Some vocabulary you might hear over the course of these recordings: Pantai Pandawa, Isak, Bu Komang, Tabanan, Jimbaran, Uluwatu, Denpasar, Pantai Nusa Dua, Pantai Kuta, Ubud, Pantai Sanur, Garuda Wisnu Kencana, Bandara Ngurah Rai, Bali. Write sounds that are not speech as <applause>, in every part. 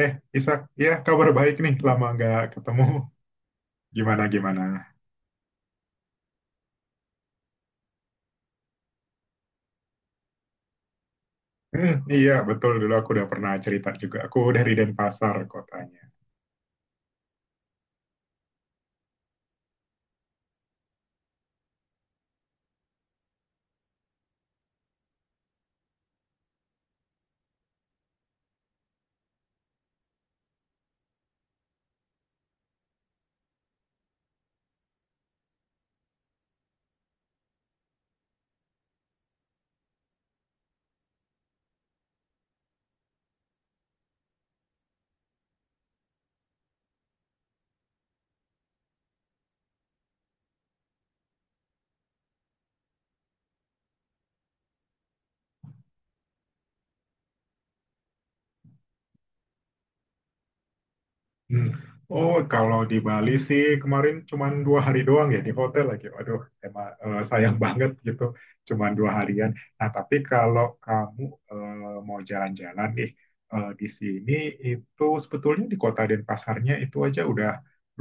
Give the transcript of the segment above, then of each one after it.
Eh, Isak, ya kabar baik nih, lama nggak ketemu. Gimana gimana? Iya betul dulu aku udah pernah cerita juga. Aku dari Denpasar kotanya. Hmm. Oh, kalau di Bali sih kemarin cuman 2 hari doang ya di hotel lagi. Waduh, emang sayang banget gitu, cuman 2 harian. Nah, tapi kalau kamu mau jalan-jalan nih di sini itu sebetulnya di kota Denpasarnya itu aja udah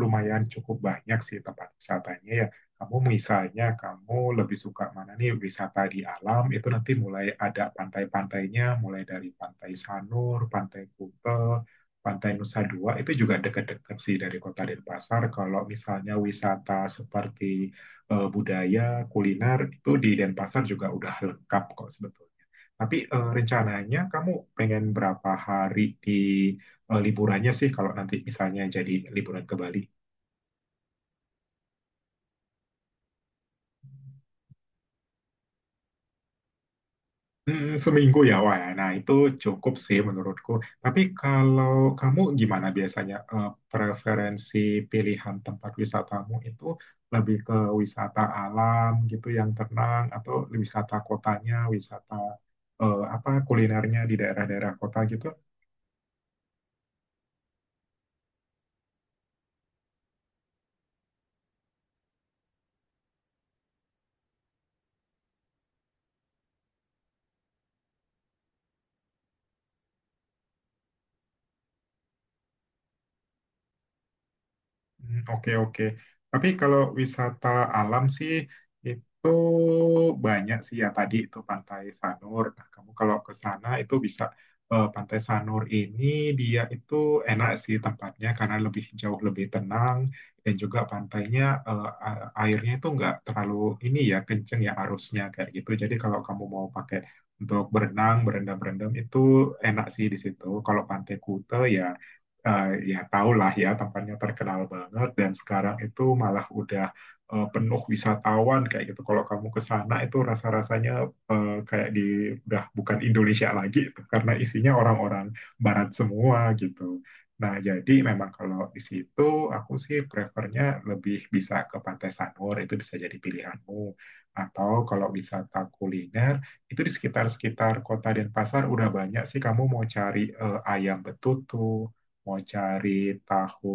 lumayan cukup banyak sih tempat wisatanya ya. Kamu misalnya kamu lebih suka mana nih wisata di alam itu nanti mulai ada pantai-pantainya, mulai dari Pantai Sanur, Pantai Kuta, Pantai Nusa Dua itu juga dekat-dekat sih dari Kota Denpasar. Kalau misalnya wisata seperti budaya, kuliner itu di Denpasar juga udah lengkap kok sebetulnya. Tapi rencananya kamu pengen berapa hari di liburannya sih kalau nanti misalnya jadi liburan ke Bali? Seminggu ya, wah, nah itu cukup sih menurutku. Tapi kalau kamu gimana biasanya preferensi pilihan tempat wisatamu itu lebih ke wisata alam gitu yang tenang atau wisata kotanya, wisata apa kulinernya di daerah-daerah kota gitu. Hmm, oke, oke. Tapi kalau wisata alam sih itu banyak sih ya tadi itu Pantai Sanur. Nah, kamu kalau ke sana itu bisa Pantai Sanur ini dia itu enak sih tempatnya karena lebih jauh lebih tenang dan juga pantainya airnya itu nggak terlalu ini ya kenceng ya arusnya kayak gitu. Jadi kalau kamu mau pakai untuk berenang, berendam-berendam itu enak sih di situ. Kalau Pantai Kuta ya ya tahulah ya tempatnya terkenal banget dan sekarang itu malah udah penuh wisatawan kayak gitu. Kalau kamu ke sana itu rasa-rasanya kayak di udah bukan Indonesia lagi itu karena isinya orang-orang barat semua gitu. Nah, jadi memang kalau di situ aku sih prefernya lebih bisa ke Pantai Sanur, itu bisa jadi pilihanmu. Atau kalau wisata kuliner itu di sekitar-sekitar kota Denpasar udah banyak sih, kamu mau cari ayam betutu, mau cari tahu,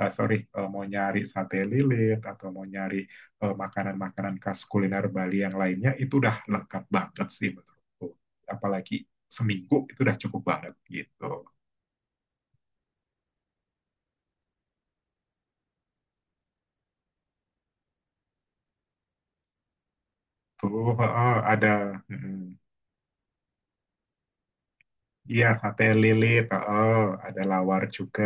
eh, sorry, eh, mau nyari sate lilit, atau mau nyari makanan-makanan khas kuliner Bali yang lainnya, itu udah lengkap banget sih menurutku. Apalagi seminggu itu udah cukup banget gitu. Tuh heeh, ada, mm, iya sate lilit, heeh, ada lawar juga.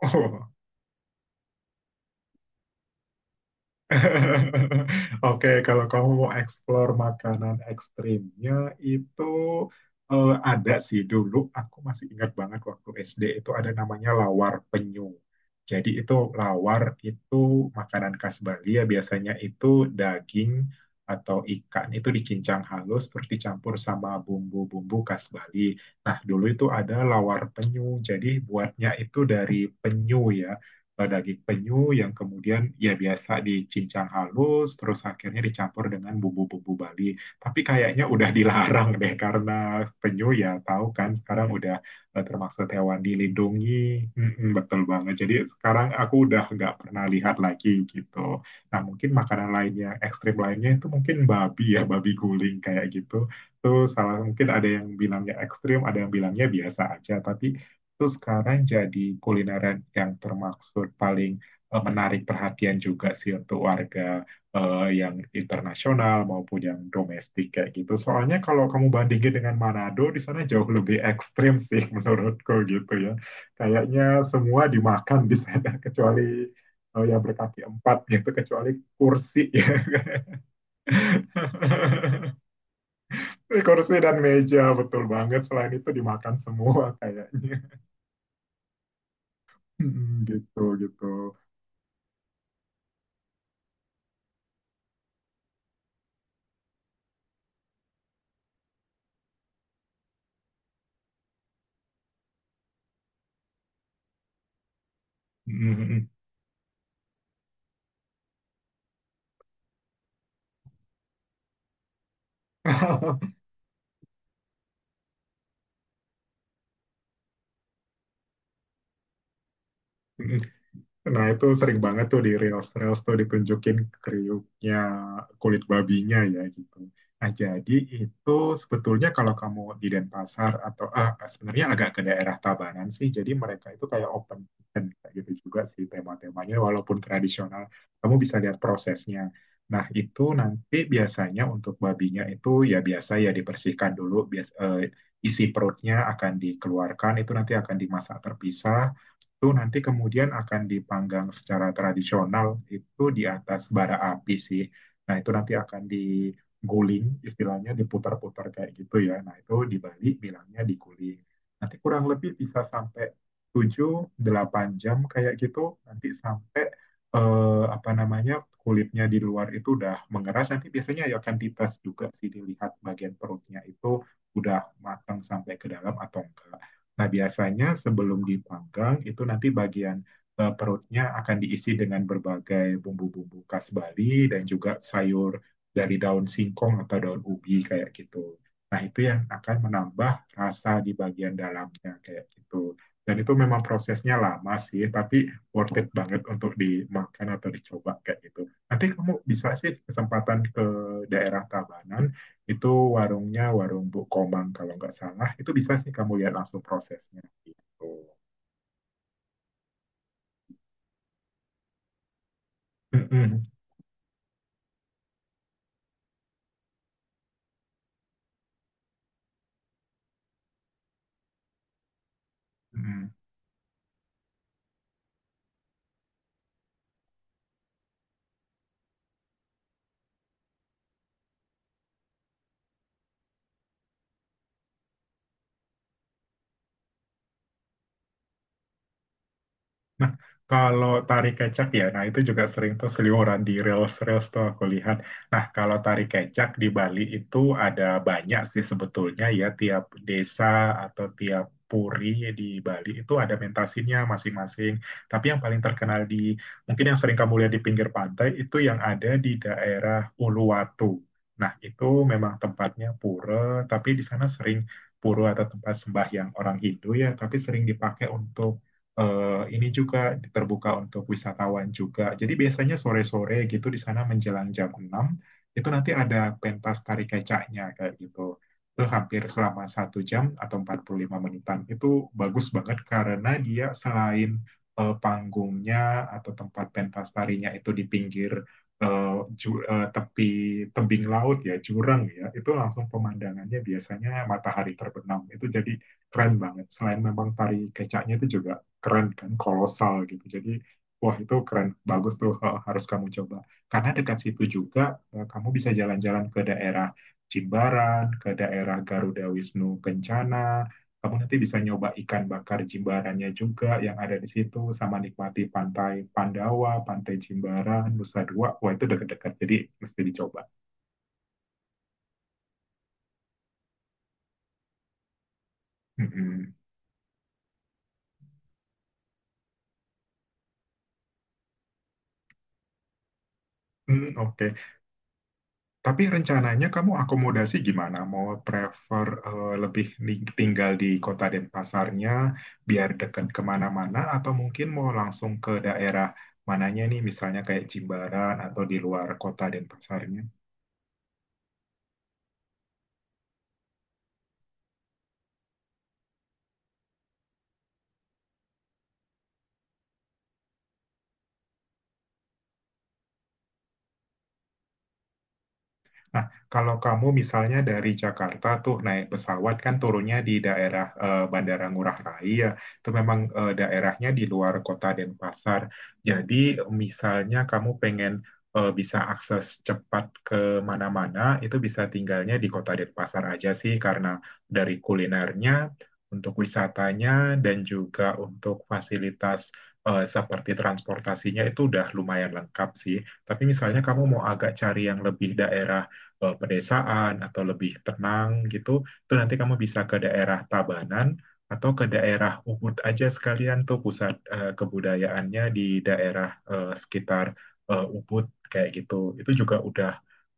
<laughs> <laughs> Oke, kalau kamu mau explore makanan ekstrimnya itu ada sih dulu. Aku masih ingat banget waktu SD itu ada namanya lawar penyu. Jadi itu lawar itu makanan khas Bali ya, biasanya itu daging atau ikan itu dicincang halus terus dicampur sama bumbu-bumbu khas Bali. Nah, dulu itu ada lawar penyu. Jadi buatnya itu dari penyu ya daging penyu yang kemudian ya biasa dicincang halus terus akhirnya dicampur dengan bumbu-bumbu Bali. Tapi kayaknya udah dilarang deh, karena penyu ya tahu kan sekarang udah termasuk hewan dilindungi. Mm-mm, betul banget. Jadi sekarang aku udah nggak pernah lihat lagi gitu. Nah, mungkin makanan lain yang ekstrim lainnya itu mungkin babi ya, babi guling kayak gitu. Tuh salah, mungkin ada yang bilangnya ekstrim, ada yang bilangnya biasa aja. Tapi itu sekarang jadi kulineran yang termaksud paling menarik perhatian juga sih untuk warga yang internasional maupun yang domestik kayak gitu. Soalnya kalau kamu bandingin dengan Manado, di sana jauh lebih ekstrim sih <laughs> menurutku gitu ya. Kayaknya semua dimakan di sana <laughs> kecuali yang berkaki empat gitu, kecuali kursi <laughs> ya. Kursi dan meja betul banget. Selain itu dimakan semua kayaknya. <laughs> Gitu gitu. Mhm mhm. <laughs> Nah, itu sering banget tuh di reels-reels tuh ditunjukin kriuknya kulit babinya ya gitu. Nah, jadi itu sebetulnya kalau kamu di Denpasar atau ah, sebenarnya agak ke daerah Tabanan sih, jadi mereka itu kayak open kitchen kayak gitu juga sih tema-temanya, walaupun tradisional, kamu bisa lihat prosesnya. Nah, itu nanti biasanya untuk babinya itu ya biasa ya dibersihkan dulu, isi perutnya akan dikeluarkan, itu nanti akan dimasak terpisah, itu nanti kemudian akan dipanggang secara tradisional itu di atas bara api sih. Nah, itu nanti akan diguling, istilahnya diputar-putar kayak gitu ya. Nah, itu di Bali bilangnya diguling. Nanti kurang lebih bisa sampai 7-8 jam kayak gitu. Nanti sampai apa namanya? Kulitnya di luar itu udah mengeras. Nanti biasanya ya akan dites juga sih dilihat bagian perutnya itu udah matang sampai ke dalam atau enggak. Nah, biasanya sebelum dipanggang itu nanti bagian perutnya akan diisi dengan berbagai bumbu-bumbu khas Bali dan juga sayur dari daun singkong atau daun ubi kayak gitu. Nah, itu yang akan menambah rasa di bagian dalamnya kayak gitu. Dan itu memang prosesnya lama sih, tapi worth it banget untuk dimakan atau dicoba kayak gitu. Nanti kamu bisa sih kesempatan ke daerah Tabanan, itu warungnya warung Bu Komang kalau nggak salah. Itu bisa sih kamu lihat langsung prosesnya. Gitu. Mm-mm. Mm-mm. Nah, kalau tari kecak ya, nah itu juga sering tuh seliweran di reels-reels tuh aku lihat. Nah, kalau tari kecak di Bali itu ada banyak sih sebetulnya ya, tiap desa atau tiap puri di Bali itu ada mentasinya masing-masing. Tapi yang paling terkenal di, mungkin yang sering kamu lihat di pinggir pantai, itu yang ada di daerah Uluwatu. Nah, itu memang tempatnya pura, tapi di sana sering pura atau tempat sembahyang orang Hindu ya, tapi sering dipakai untuk ini juga terbuka untuk wisatawan juga. Jadi biasanya sore-sore gitu di sana menjelang jam 6 itu nanti ada pentas tari kecaknya kayak gitu. Itu hampir selama 1 jam atau 45 menitan. Itu bagus banget karena dia selain panggungnya atau tempat pentas tarinya itu di pinggir eh, tepi tebing laut ya, jurang ya. Itu langsung pemandangannya biasanya matahari terbenam. Itu jadi keren banget. Selain memang tari kecaknya itu juga keren kan kolosal gitu, jadi wah itu keren bagus tuh harus kamu coba karena dekat situ juga kamu bisa jalan-jalan ke daerah Jimbaran, ke daerah Garuda Wisnu Kencana, kamu nanti bisa nyoba ikan bakar Jimbarannya juga yang ada di situ sama nikmati pantai Pandawa, Pantai Jimbaran, Nusa Dua, wah itu dekat-dekat, jadi mesti dicoba. Mm-mm. Hmm, oke. Tapi rencananya kamu akomodasi gimana? Mau prefer lebih tinggal di kota Denpasarnya biar dekat kemana-mana, atau mungkin mau langsung ke daerah mananya nih misalnya kayak Jimbaran atau di luar kota Denpasarnya? Nah, kalau kamu misalnya dari Jakarta tuh naik pesawat kan turunnya di daerah Bandara Ngurah Rai ya, itu memang daerahnya di luar kota Denpasar. Jadi misalnya kamu pengen bisa akses cepat ke mana-mana, itu bisa tinggalnya di kota Denpasar aja sih, karena dari kulinernya, untuk wisatanya dan juga untuk fasilitas seperti transportasinya itu udah lumayan lengkap sih. Tapi misalnya kamu mau agak cari yang lebih daerah pedesaan atau lebih tenang gitu, itu nanti kamu bisa ke daerah Tabanan atau ke daerah Ubud aja sekalian, tuh pusat kebudayaannya di daerah sekitar Ubud kayak gitu. Itu juga udah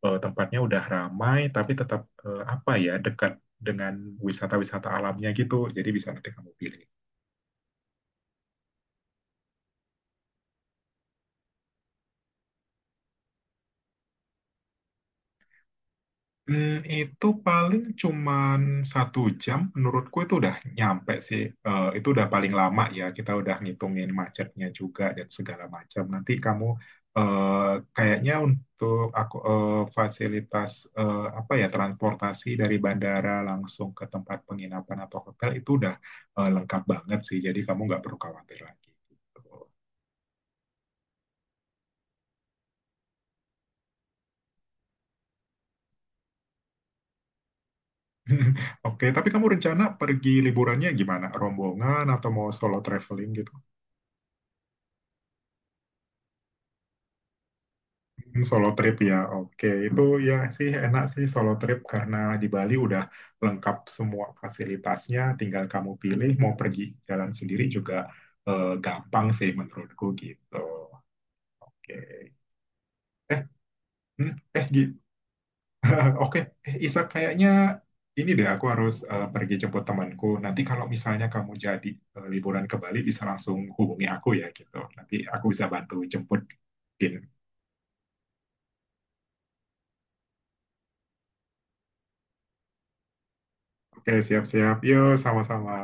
tempatnya udah ramai tapi tetap eh, apa ya dekat dengan wisata-wisata alamnya gitu. Jadi bisa nanti kamu pilih. Itu paling cuman 1 jam, menurutku itu udah nyampe sih. Eh, itu udah paling lama ya, kita udah ngitungin macetnya juga dan segala macam. Nanti kamu kayaknya untuk aku fasilitas apa ya transportasi dari bandara langsung ke tempat penginapan atau hotel itu udah lengkap banget sih. Jadi kamu nggak perlu khawatir lagi gitu. <laughs> Oke, tapi kamu rencana pergi liburannya gimana? Rombongan atau mau solo traveling gitu? Hmm, solo trip ya, oke. Itu ya sih enak sih solo trip karena di Bali udah lengkap semua fasilitasnya, tinggal kamu pilih mau pergi jalan sendiri juga gampang sih menurutku gitu. Oke. Eh, hmm, gitu. <laughs> Oke, Isa, kayaknya ini deh aku harus pergi jemput temanku. Nanti kalau misalnya kamu jadi liburan ke Bali bisa langsung hubungi aku ya gitu. Nanti aku bisa bantu jemput. Oke, siap-siap. Yuk, sama-sama.